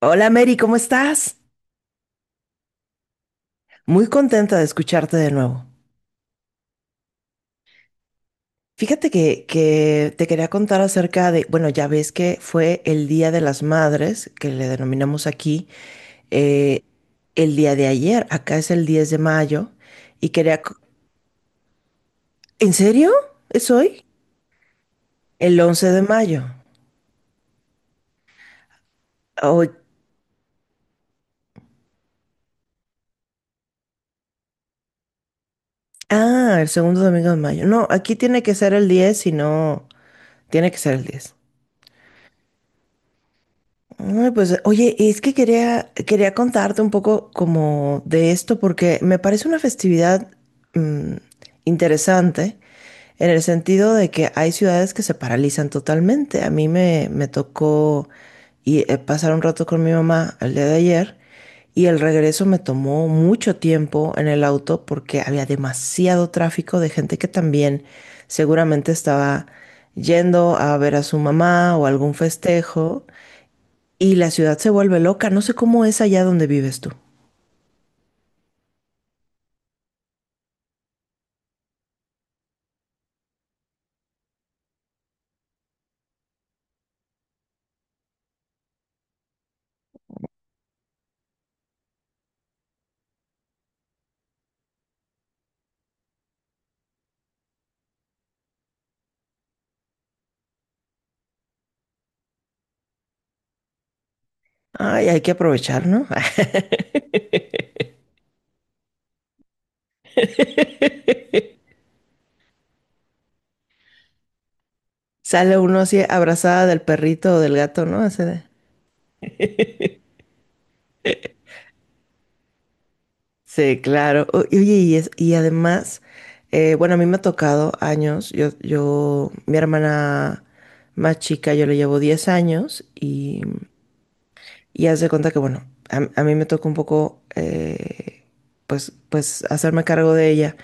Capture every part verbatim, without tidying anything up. Hola Mary, ¿cómo estás? Muy contenta de escucharte de nuevo. Fíjate que, que te quería contar acerca de, bueno, ya ves que fue el Día de las Madres, que le denominamos aquí, eh, el día de ayer. Acá es el diez de mayo y quería co- ¿En serio? ¿Es hoy? El once de mayo. Hoy- Ah, el segundo domingo de mayo. No, aquí tiene que ser el diez, si no, tiene que ser el diez. Ay, pues oye, es que quería, quería contarte un poco como de esto porque me parece una festividad mm, interesante en el sentido de que hay ciudades que se paralizan totalmente. A mí me, me tocó y, eh, pasar un rato con mi mamá el día de ayer, y el regreso me tomó mucho tiempo en el auto porque había demasiado tráfico de gente que también seguramente estaba yendo a ver a su mamá o algún festejo. Y la ciudad se vuelve loca. No sé cómo es allá donde vives tú. Ay, hay que aprovechar, ¿no? Sale uno así abrazada del perrito o del gato, ¿no? Ese de- Sí, claro. O- y Oye, y, es- y además, eh, bueno, a mí me ha tocado años. Yo, yo, mi hermana más chica, yo le llevo diez años. Y Y haz de cuenta que, bueno, a, a mí me tocó un poco, eh, pues, pues, hacerme cargo de ella.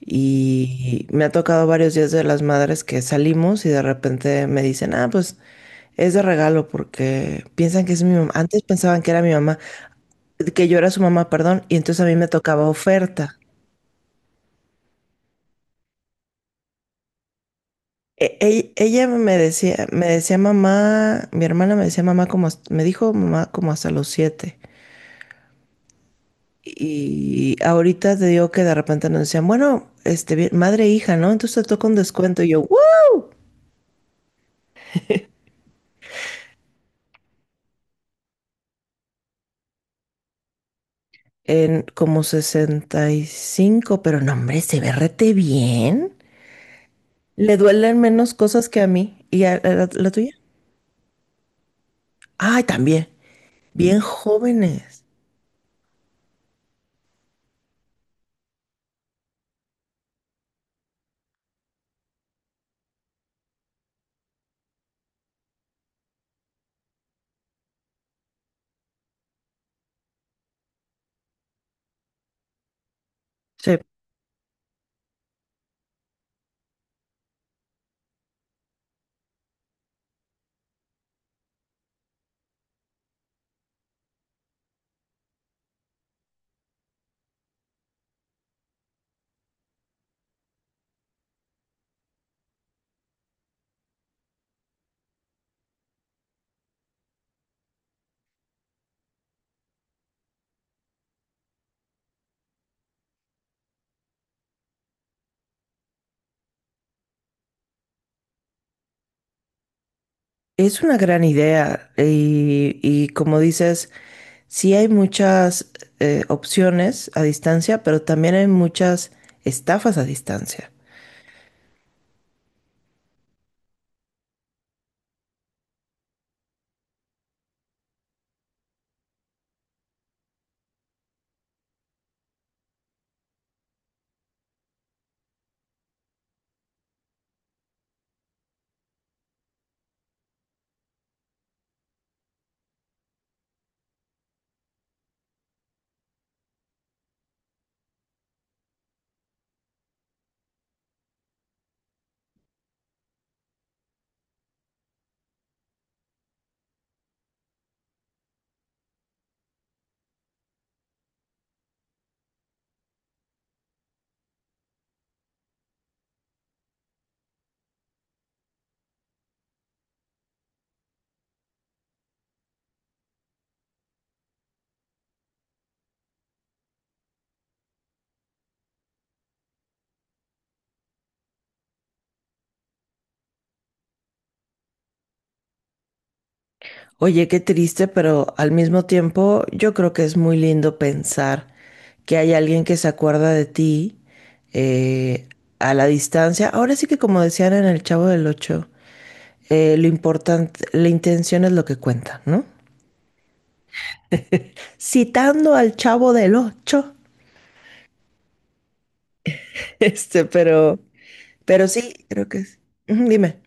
Y me ha tocado varios días de las madres que salimos y de repente me dicen, ah, pues es de regalo porque piensan que es mi mamá. Antes pensaban que era mi mamá, que yo era su mamá, perdón, y entonces a mí me tocaba oferta. E- e- Ella me decía, me decía mamá, mi hermana me decía mamá como, hasta- me dijo mamá como hasta los siete. Y ahorita te digo que de repente nos decían, bueno, este, bien- madre e hija, ¿no? Entonces te toca un descuento. Y yo, "¿What?". En como sesenta y cinco, pero no, hombre, se ve rete bien. Le duelen menos cosas que a mí. ¿Y a, a la, la tuya? Ay, también. Bien jóvenes. Sí, es una gran idea. Y, y como dices, sí hay muchas eh, opciones a distancia, pero también hay muchas estafas a distancia. Oye, qué triste, pero al mismo tiempo yo creo que es muy lindo pensar que hay alguien que se acuerda de ti eh, a la distancia. Ahora sí que como decían en El Chavo del Ocho, eh, lo importante, la intención es lo que cuenta, ¿no? Citando al Chavo del Ocho. Este, pero, pero sí, creo que es. Ujú, dime.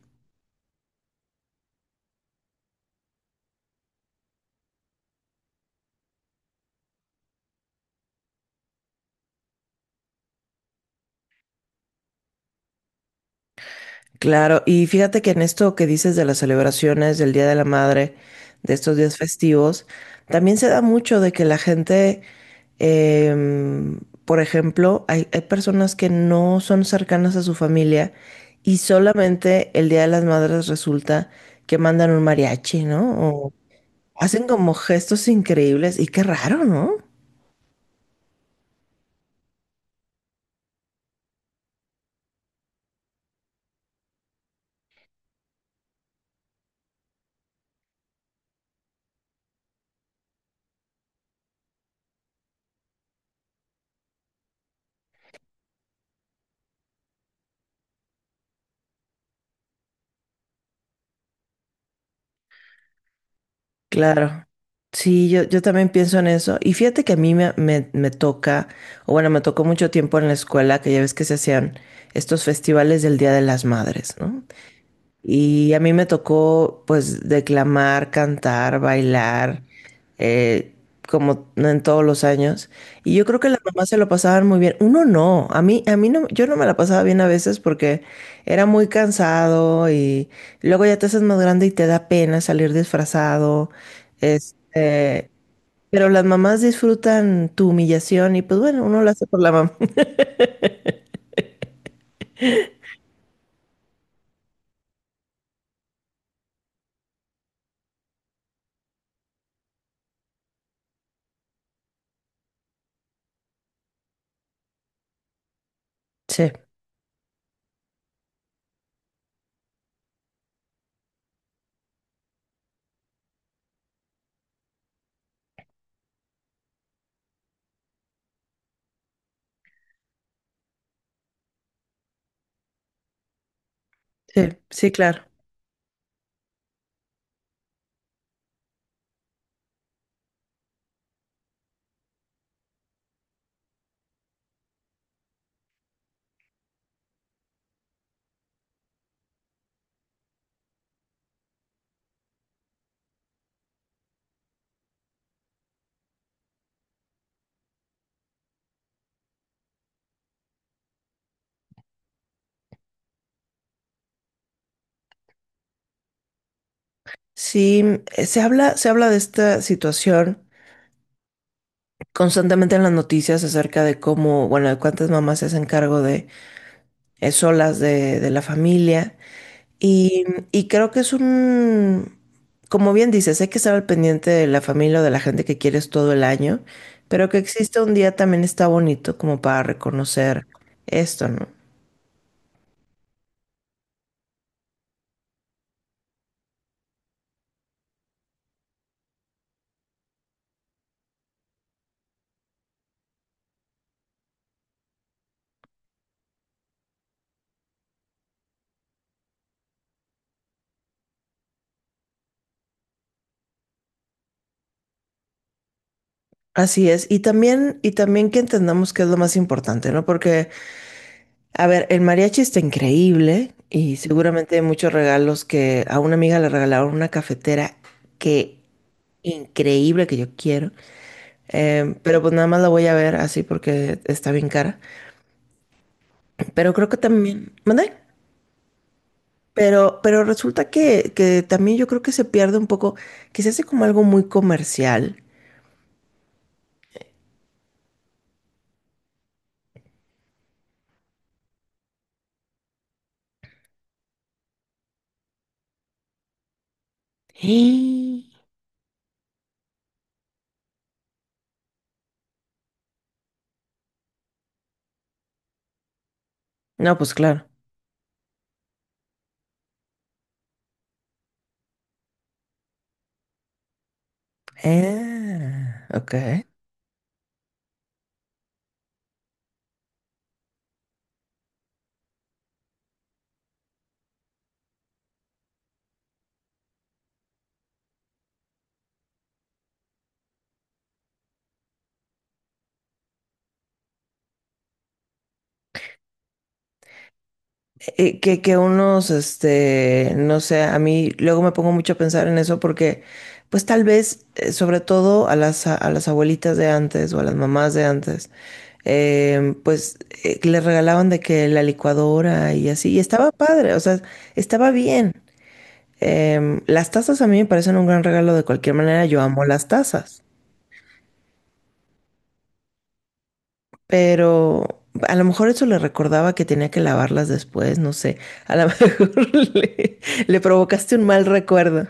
Claro, y fíjate que en esto que dices de las celebraciones del Día de la Madre, de estos días festivos, también se da mucho de que la gente, em, por ejemplo, hay, hay personas que no son cercanas a su familia y solamente el Día de las Madres resulta que mandan un mariachi, ¿no? O hacen como gestos increíbles y qué raro, ¿no? Claro, sí, yo, yo también pienso en eso. Y fíjate que a mí me, me- me toca, o bueno, me tocó mucho tiempo en la escuela, que ya ves que se hacían estos festivales del Día de las Madres, ¿no? Y a mí me tocó pues declamar, cantar, bailar, eh, como en todos los años. Y yo creo que las mamás se lo pasaban muy bien. Uno no, a mí, a mí no, yo no me la pasaba bien a veces porque era muy cansado y luego ya te haces más grande y te da pena salir disfrazado. Este, pero las mamás disfrutan tu humillación y pues bueno, uno lo hace por la mamá. Sí, sí, sí, claro. Sí, eh, se habla, se habla de esta situación constantemente en las noticias acerca de cómo, bueno, de cuántas mamás se hacen cargo de eh, solas de, de la familia. Y, y creo que es un, como bien dices, hay que estar al pendiente de la familia o de la gente que quieres todo el año, pero que existe un día también está bonito como para reconocer esto, ¿no? Así es, y también, y también que entendamos que es lo más importante, ¿no? Porque a ver, el mariachi está increíble y seguramente hay muchos regalos que a una amiga le regalaron una cafetera que increíble, que yo quiero. Em, pero pues nada más la voy a ver así porque está bien cara. Pero creo que también, ¿mande? Pero, pero resulta que, que también yo creo que se pierde un poco, que se hace como algo muy comercial. No, pues claro. Ah, ok. eh, que, que unos, este, no sé, a mí luego me pongo mucho a pensar en eso porque, pues tal vez, eh, sobre todo a las, a, a las abuelitas de antes o a las mamás de antes, eh, pues eh, les regalaban de que la licuadora y así, y estaba padre, o sea, estaba bien. Em, las tazas a mí me parecen un gran regalo de cualquier manera, yo amo las tazas. Pero a lo mejor eso le recordaba que tenía que lavarlas después, no sé. A lo mejor le, le provocaste un mal recuerdo.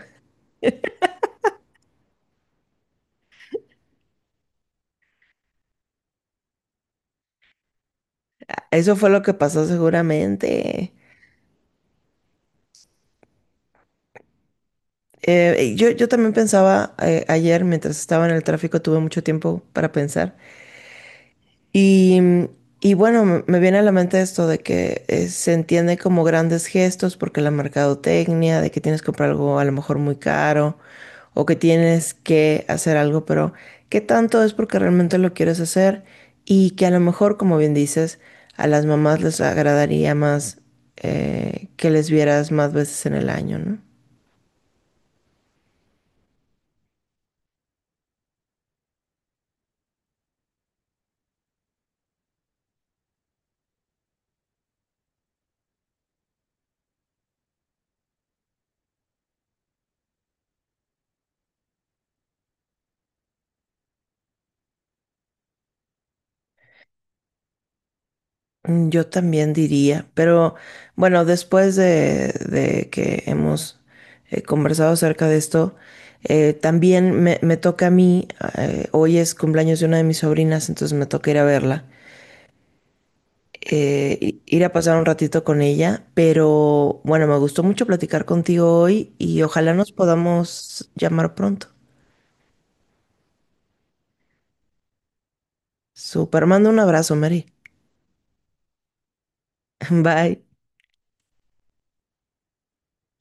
Eso fue lo que pasó seguramente. Eh, yo, yo también pensaba, eh, ayer mientras estaba en el tráfico, tuve mucho tiempo para pensar. Y, y bueno, me me viene a la mente esto de que eh, se entiende como grandes gestos porque la mercadotecnia, de que tienes que comprar algo a lo mejor muy caro o que tienes que hacer algo, pero ¿qué tanto es porque realmente lo quieres hacer? Y que a lo mejor, como bien dices, a las mamás les agradaría más eh, que les vieras más veces en el año, ¿no? Mm, Yo también diría, pero bueno, después de, de que hemos eh, conversado acerca de esto, eh, también me, me toca a mí, eh, hoy es cumpleaños de una de mis sobrinas, entonces me toca ir a verla, eh, i- ir a pasar un ratito con ella, pero bueno, me gustó mucho platicar contigo hoy y ojalá nos podamos llamar pronto. Super, mando un abrazo, Mary. Bye.